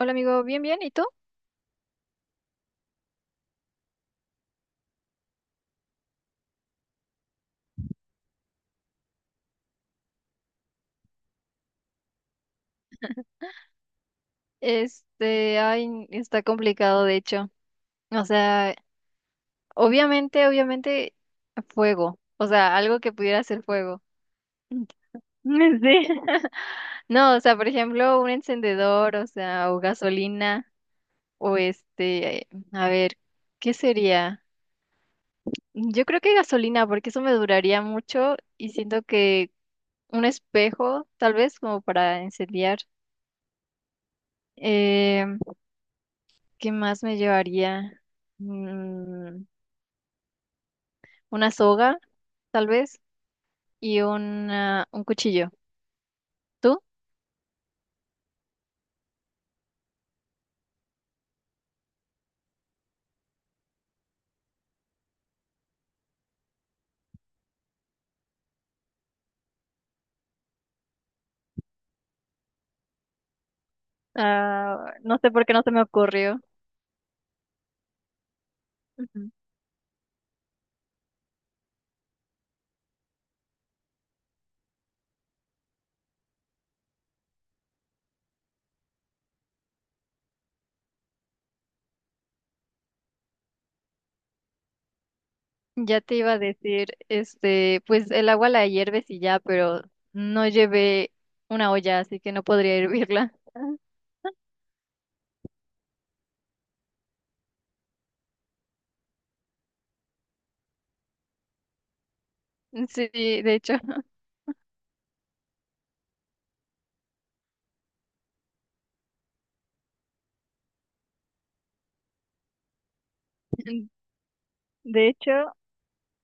Hola amigo, bien, bien, ¿y tú? Ay, está complicado de hecho. O sea, obviamente, obviamente, fuego. O sea, algo que pudiera ser fuego. Mm. Sí. No, o sea, por ejemplo, un encendedor, o sea, o gasolina, o a ver, ¿qué sería? Yo creo que gasolina, porque eso me duraría mucho y siento que un espejo, tal vez, como para incendiar. Em, ¿Qué más me llevaría? Mm, una soga, tal vez, y un cuchillo. ¿Tú? Ah, no sé por qué no se me ocurrió. Ujú. Ya te iba a decir, pues el agua la hierves y ya, pero no llevé una olla, así que no podría hervirla. Ah. Sí, de hecho, de hecho,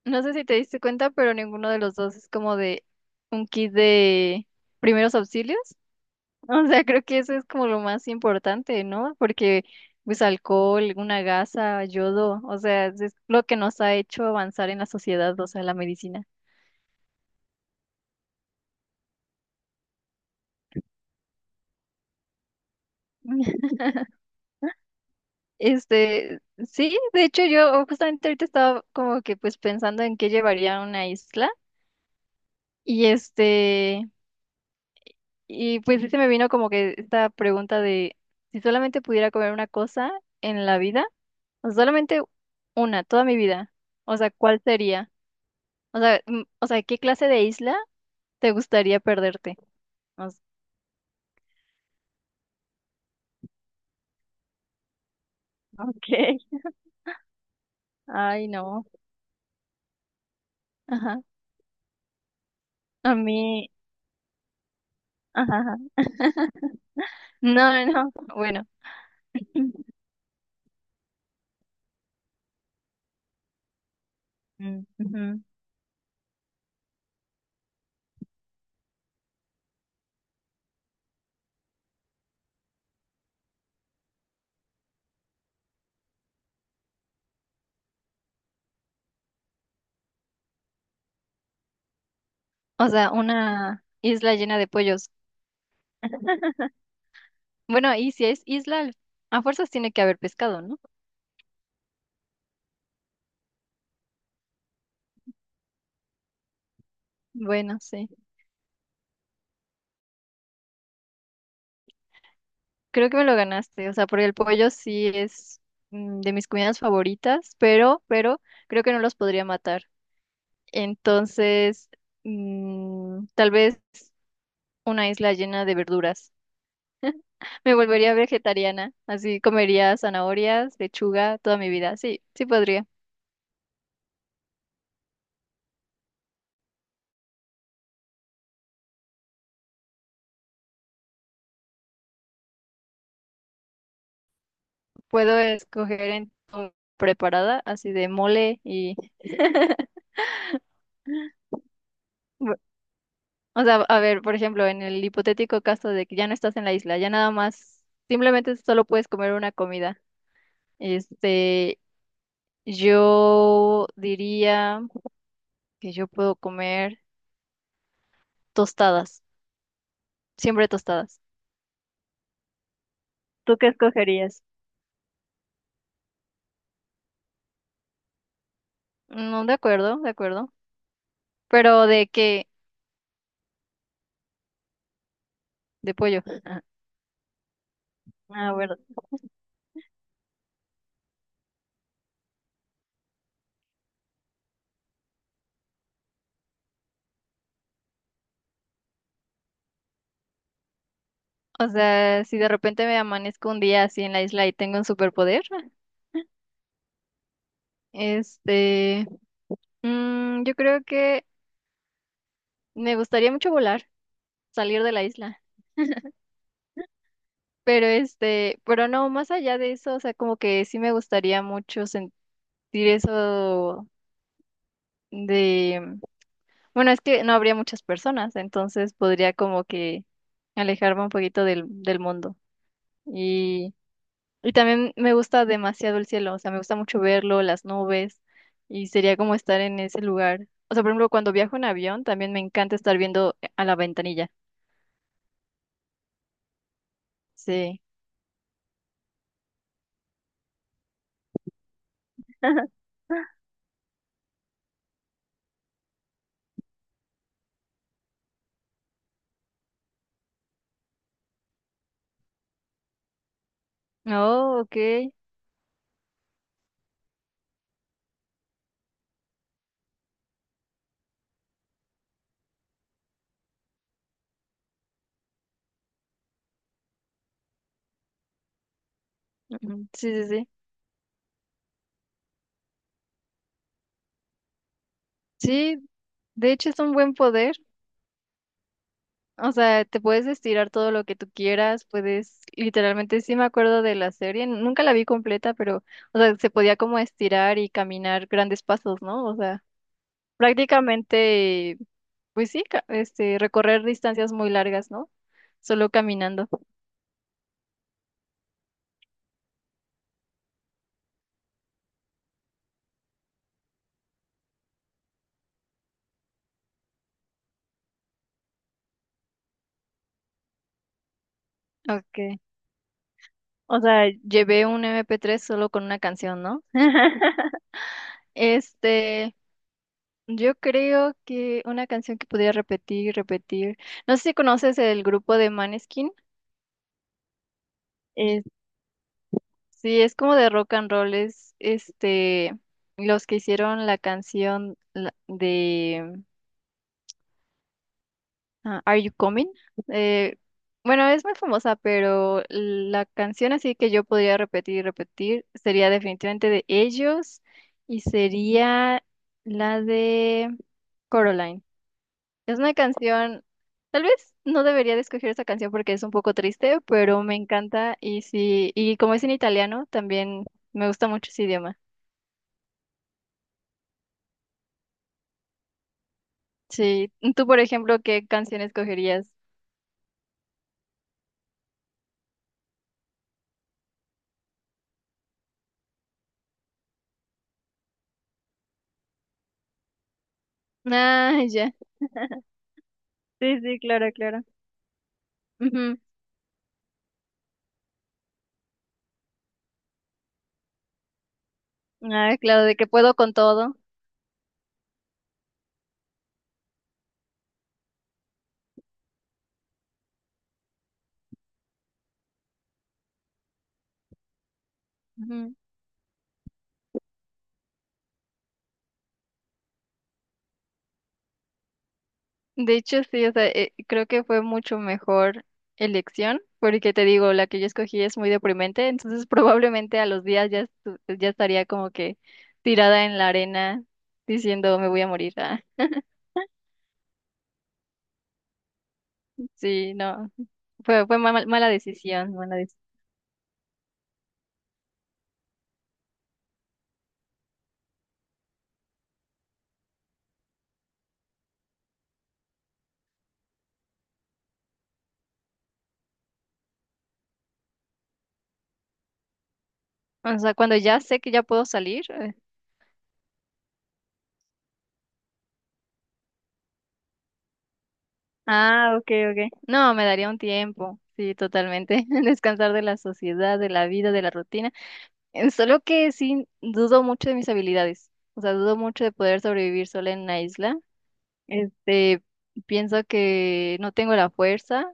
no sé si te diste cuenta, pero ninguno de los dos es como de un kit de primeros auxilios. O sea, creo que eso es como lo más importante, ¿no? Porque pues alcohol, una gasa, yodo, o sea, es lo que nos ha hecho avanzar en la sociedad, o sea, la medicina. Este, sí, de hecho yo justamente ahorita estaba como que pues pensando en qué llevaría a una isla y y pues sí se me vino como que esta pregunta de si solamente pudiera comer una cosa en la vida, o solamente una, toda mi vida, o sea, ¿cuál sería? O sea, o sea, ¿qué clase de isla te gustaría perderte? O s- Ok. Ay, no. Ajá. A mí. Ajá, ajá. No, no, bueno. Mm, ujú. O sea, una isla llena de pollos. Bueno, y si es isla, a fuerzas tiene que haber pescado, ¿no? Bueno, sí. Creo que me lo ganaste. O sea, porque el pollo sí es de mis comidas favoritas, pero, creo que no los podría matar. Entonces, tal vez una isla llena de verduras. Me volvería vegetariana, así comería zanahorias, lechuga toda mi vida. Sí, sí podría. Puedo escoger en o preparada, así de mole y... bu- O sea, a ver, por ejemplo, en el hipotético caso de que ya no estás en la isla, ya nada más, simplemente solo puedes comer una comida. Este, yo diría que yo puedo comer tostadas, siempre tostadas. ¿Tú qué escogerías? No, de acuerdo, de acuerdo. Pero de qué, de pollo. Ah, bueno. O sea, si de repente me amanezco un día así en la isla y tengo un superpoder, este, yo creo que me gustaría mucho volar, salir de la isla. Pero pero no, más allá de eso, o sea, como que sí me gustaría mucho sentir eso de, bueno, es que no habría muchas personas, entonces podría como que alejarme un poquito del mundo. Y también me gusta demasiado el cielo, o sea, me gusta mucho verlo, las nubes, y sería como estar en ese lugar. O sea, por ejemplo, cuando viajo en avión, también me encanta estar viendo a la ventanilla. Sí. Oh, ok. Ujú, sí, sí, sí. Sí, de hecho es un buen poder. O sea, te puedes estirar todo lo que tú quieras, puedes, literalmente, sí me acuerdo de la serie, nunca la vi completa, pero, o sea, se podía como estirar y caminar grandes pasos, ¿no? O sea. Prácticamente, pues sí, recorrer distancias muy largas, ¿no? Solo caminando. Okay. O sea, llevé un MP3 solo con una canción, ¿no? Este, yo creo que una canción que podría repetir, repetir. No sé si conoces el grupo de Maneskin. Eh, sí, es como de rock and roll, es los que hicieron la canción de Ah, Are You Coming? Eh, bueno, es muy famosa, pero la canción así que yo podría repetir y repetir sería definitivamente de ellos y sería la de Coraline. Es una canción, tal vez no debería de escoger esa canción porque es un poco triste, pero me encanta y sí, y como es en italiano, también me gusta mucho ese idioma. Sí, tú por ejemplo, ¿qué canción escogerías? Ah, ya. Sí, sí, claro, claro. Ujú. Ah, claro, de que puedo con todo. Ujú. De hecho, sí, o sea, creo que fue mucho mejor elección, porque te digo, la que yo escogí es muy deprimente, entonces probablemente a los días ya, ya estaría como que tirada en la arena diciendo me voy a morir. Ah, sí, no, fue mala decisión, mala decisión. O sea, cuando ya sé que ya puedo salir. Ah, ok, ok. No, me daría un tiempo, sí, totalmente. Descansar de la sociedad, de la vida, de la rutina. En solo que sí, dudo mucho de mis habilidades. O sea, dudo mucho de poder sobrevivir sola en la isla. Este, pienso que no tengo la fuerza,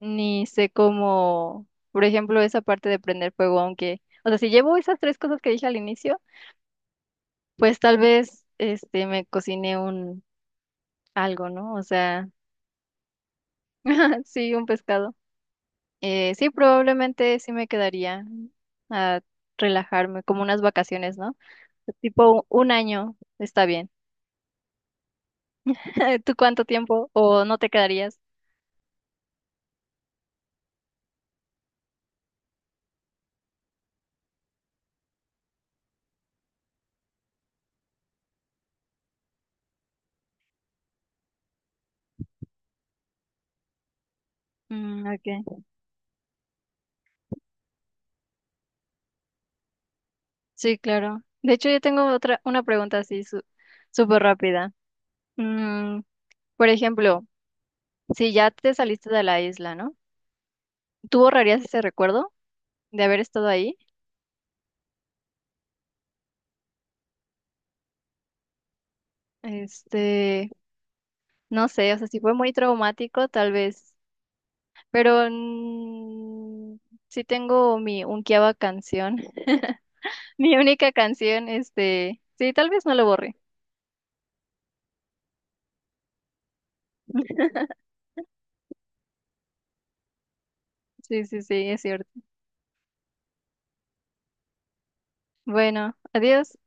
ni sé cómo, por ejemplo, esa parte de prender fuego, aunque, o sea, si llevo esas tres cosas que dije al inicio, pues tal vez, me cocine un algo, ¿no? O sea, sí, un pescado. Sí, probablemente sí me quedaría a relajarme, como unas vacaciones, ¿no? Tipo un año, está bien. ¿Tú cuánto tiempo o no te quedarías? Mm, okay. Sí, claro. De hecho, yo tengo otra una pregunta así súper rápida. Mm, por ejemplo, si ya te saliste de la isla, ¿no? ¿Tú borrarías ese recuerdo de haber estado ahí? Este, no sé, o sea, si fue muy traumático, tal vez. Pero sí tengo mi unkiaba canción. Mi única canción, sí, tal vez no lo borré. Sí, sí, sí, es cierto. Bueno, adiós.